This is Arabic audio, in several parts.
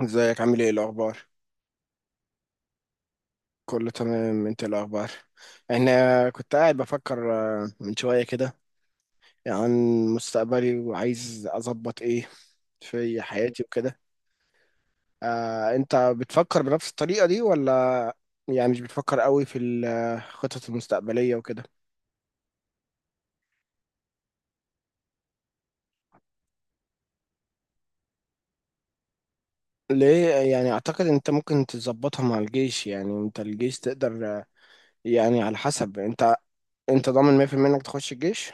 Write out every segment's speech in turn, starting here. ازيك عامل ايه الاخبار؟ كله تمام، انت إيه الاخبار؟ انا كنت قاعد بفكر من شويه كده عن مستقبلي، وعايز اظبط ايه في حياتي وكده. انت بتفكر بنفس الطريقه دي، ولا يعني مش بتفكر قوي في الخطط المستقبليه وكده؟ ليه؟ يعني اعتقد انت ممكن تظبطها مع الجيش. يعني انت الجيش تقدر، يعني على حسب انت. انت ضامن 100% انك تخش الجيش؟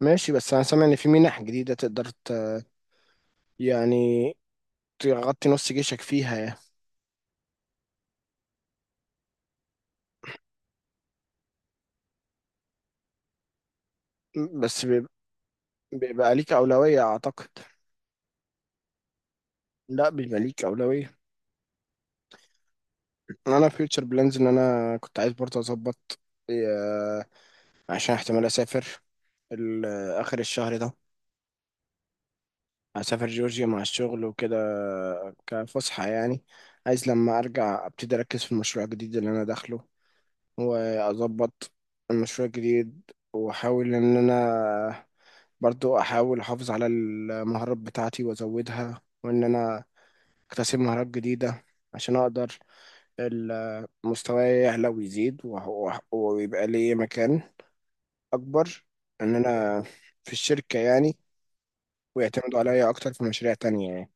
ماشي، بس انا سامع ان في منح جديده تقدر يعني تغطي نص جيشك فيها يعني. بس بيب- بيبقى ليك أولوية أعتقد. لا، بيبقى ليك أولوية. أنا فيوتشر بلانز إن أنا كنت عايز برضه أظبط. آه، عشان احتمال أسافر ال- آخر الشهر ده. هسافر جورجيا مع الشغل وكده، كفسحة يعني. عايز لما أرجع أبتدي أركز في المشروع الجديد اللي أنا داخله، وأظبط المشروع الجديد. وأحاول إن أنا برضو أحاول أحافظ على المهارات بتاعتي وأزودها، وإن أنا اكتسب مهارات جديدة عشان اقدر مستواي يعلى ويزيد، ويبقى لي مكان اكبر، ان انا في الشركة يعني. ويعتمدوا عليا اكتر في مشاريع تانية يعني.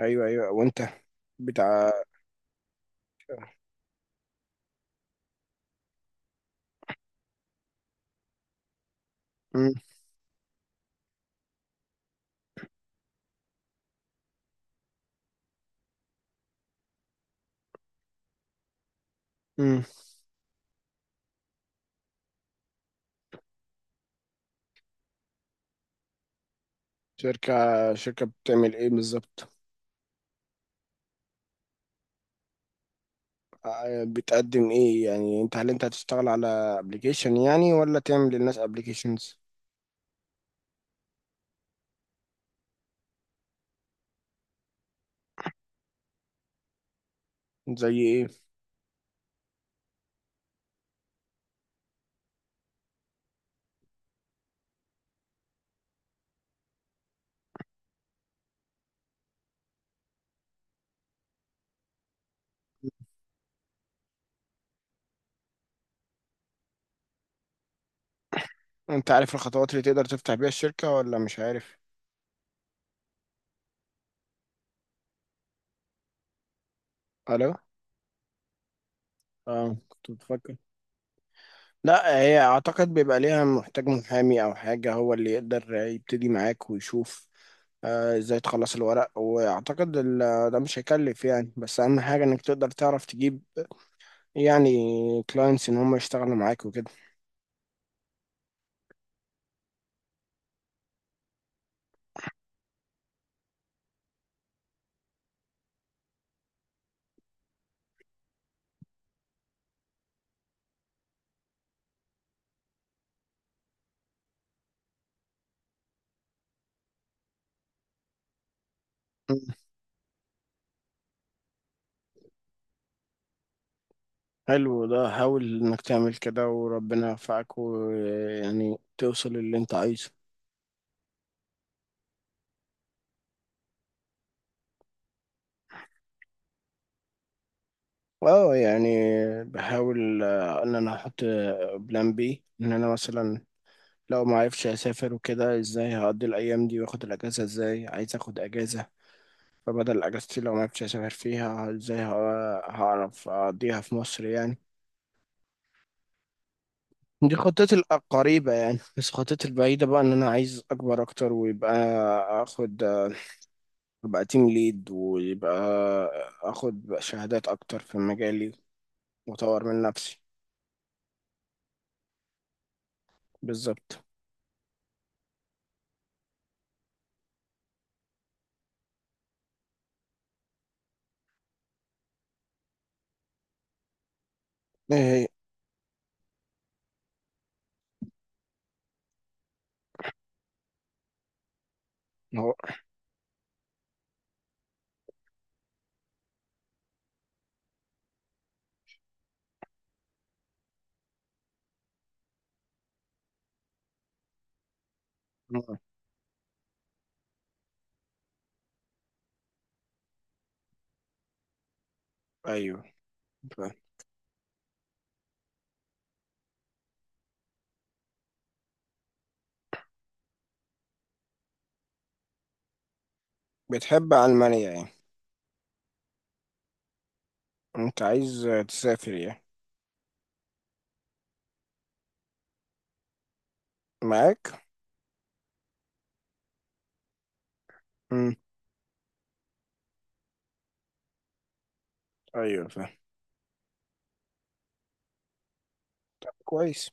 ايوه ايوه، وانت بتاع. مم. مم. شركة. شركة بتعمل ايه بالظبط؟ بتقدم ايه يعني؟ انت هل انت هتشتغل على ابلكيشن يعني، ولا تعمل للناس ابلكيشنز؟ زي ايه؟ انت عارف الخطوات اللي تقدر تفتح بيها الشركة، ولا مش عارف؟ الو؟ اه كنت بفكر. لا هي اعتقد بيبقى ليها، محتاج محامي او حاجة هو اللي يقدر يبتدي معاك ويشوف ازاي تخلص الورق. واعتقد ده مش هيكلف يعني، بس اهم حاجة انك تقدر تعرف تجيب يعني كلاينتس ان هم يشتغلوا معاك وكده. مم. حلو، ده حاول انك تعمل كده وربنا يوفقك، ويعني توصل للي انت عايزه. اه يعني بحاول ان انا احط بلان بي، ان انا مثلا لو ما عرفش اسافر وكده، ازاي هقضي الايام دي واخد الاجازه؟ ازاي عايز اخد اجازه؟ فبدل اجازتي لو ما عرفتش اسافر فيها، ازاي هعرف اقضيها في مصر يعني. دي خطتي القريبة يعني، بس خطتي البعيدة بقى ان انا عايز اكبر اكتر، ويبقى اخد، ابقى تيم ليد، ويبقى اخد شهادات اكتر في مجالي، واطور من نفسي. بالظبط. ايه هي؟ هو. ايوه. ف-. بتحب المانيا يعني؟ انت عايز تسافر يعني؟ معاك؟ ايوه فاهم. كويس.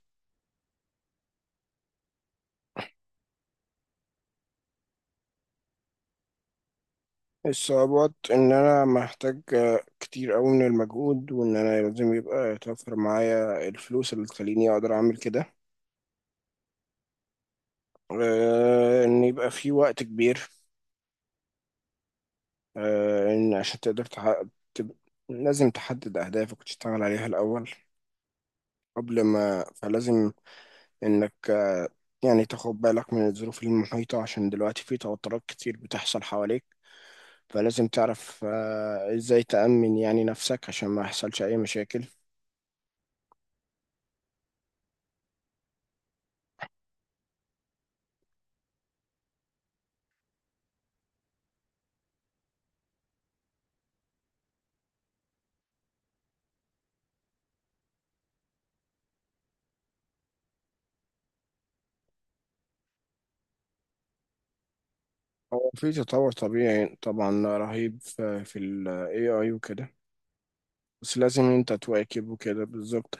الصعوبات ان انا محتاج كتير قوي من المجهود، وان انا لازم يبقى يتوفر معايا الفلوس اللي تخليني اقدر اعمل كده. ان يبقى في وقت كبير. ان عشان تقدر تحقق، تب- لازم تحدد اهدافك وتشتغل عليها الاول قبل ما. فلازم انك، يعني تاخد بالك من الظروف المحيطة، عشان دلوقتي في توترات كتير بتحصل حواليك. فلازم تعرف ازاي تأمن يعني نفسك عشان ما يحصلش اي مشاكل. هو في تطور طبيعي طبعا رهيب في ال AI وكده، بس لازم انت تواكب وكده. بالظبط.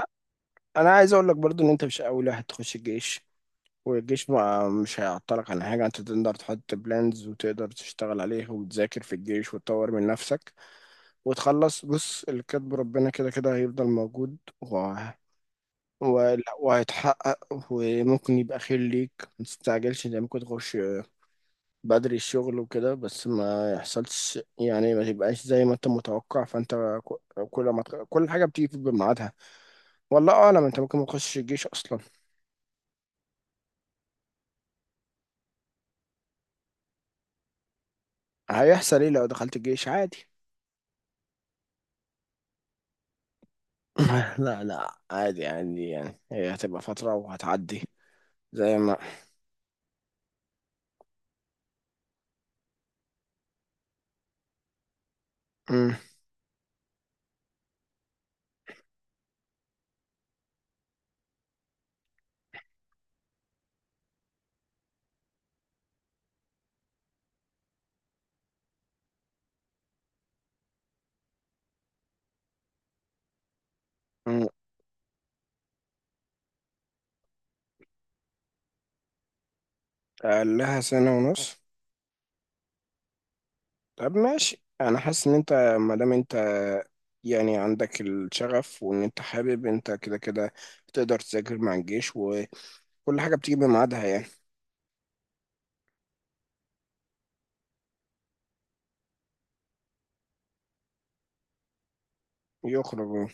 أ- انا عايز اقول لك برضو ان انت مش اول واحد تخش الجيش، والجيش ما مش هيعطلك عن حاجة. انت تقدر تحط بلانز وتقدر تشتغل عليها، وتذاكر في الجيش وتطور من نفسك وتخلص. بص، اللي كاتبه ربنا كده كده هيفضل موجود وهيتحقق، وممكن يبقى خير ليك. ما تستعجلش، انت ممكن تخش بدري الشغل وكده، بس ما يحصلش يعني، ما تبقاش زي ما انت متوقع. فانت كل ما كل حاجه بتيجي في ميعادها. والله اعلم، انت ممكن ما تخشش الجيش اصلا. هيحصل ايه لو دخلت الجيش؟ عادي. لا لا، عادي عادي يعني، هي هتبقى فتره وهتعدي زي ما. مم. مم. قال لها سنه ونص. طب ماشي، انا حاسس ان انت، ما دام انت يعني عندك الشغف وان انت حابب، انت كده كده تقدر تذاكر مع الجيش، وكل حاجه بتيجي بميعادها يعني. يخرجوا.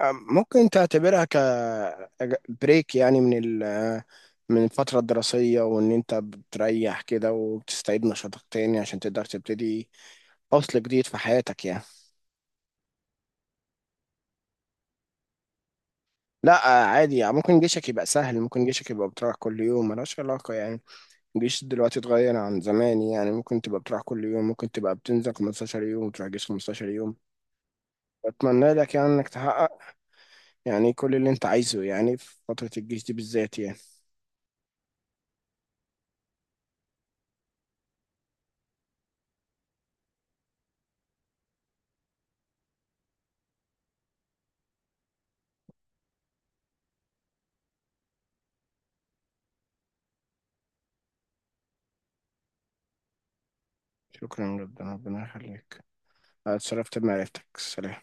ممكن تعتبرها ك بريك يعني، من ال من الفترة الدراسية، وإن أنت بتريح كده وبتستعيد نشاطك تاني عشان تقدر تبتدي فصل جديد في حياتك يعني. لا عادي يعني، ممكن جيشك يبقى سهل، ممكن جيشك يبقى بتروح كل يوم، ملهاش علاقة يعني. الجيش دلوقتي اتغير عن زمان يعني، ممكن تبقى بتروح كل يوم، ممكن تبقى بتنزل 15 يوم وتروح جيش 15 يوم. أتمنى لك يعني إنك تحقق يعني كل اللي أنت عايزه يعني، في فترة الجيش دي بالذات يعني. شكرا جدا، ربنا يخليك. أنا اتشرفت بمعرفتك. سلام.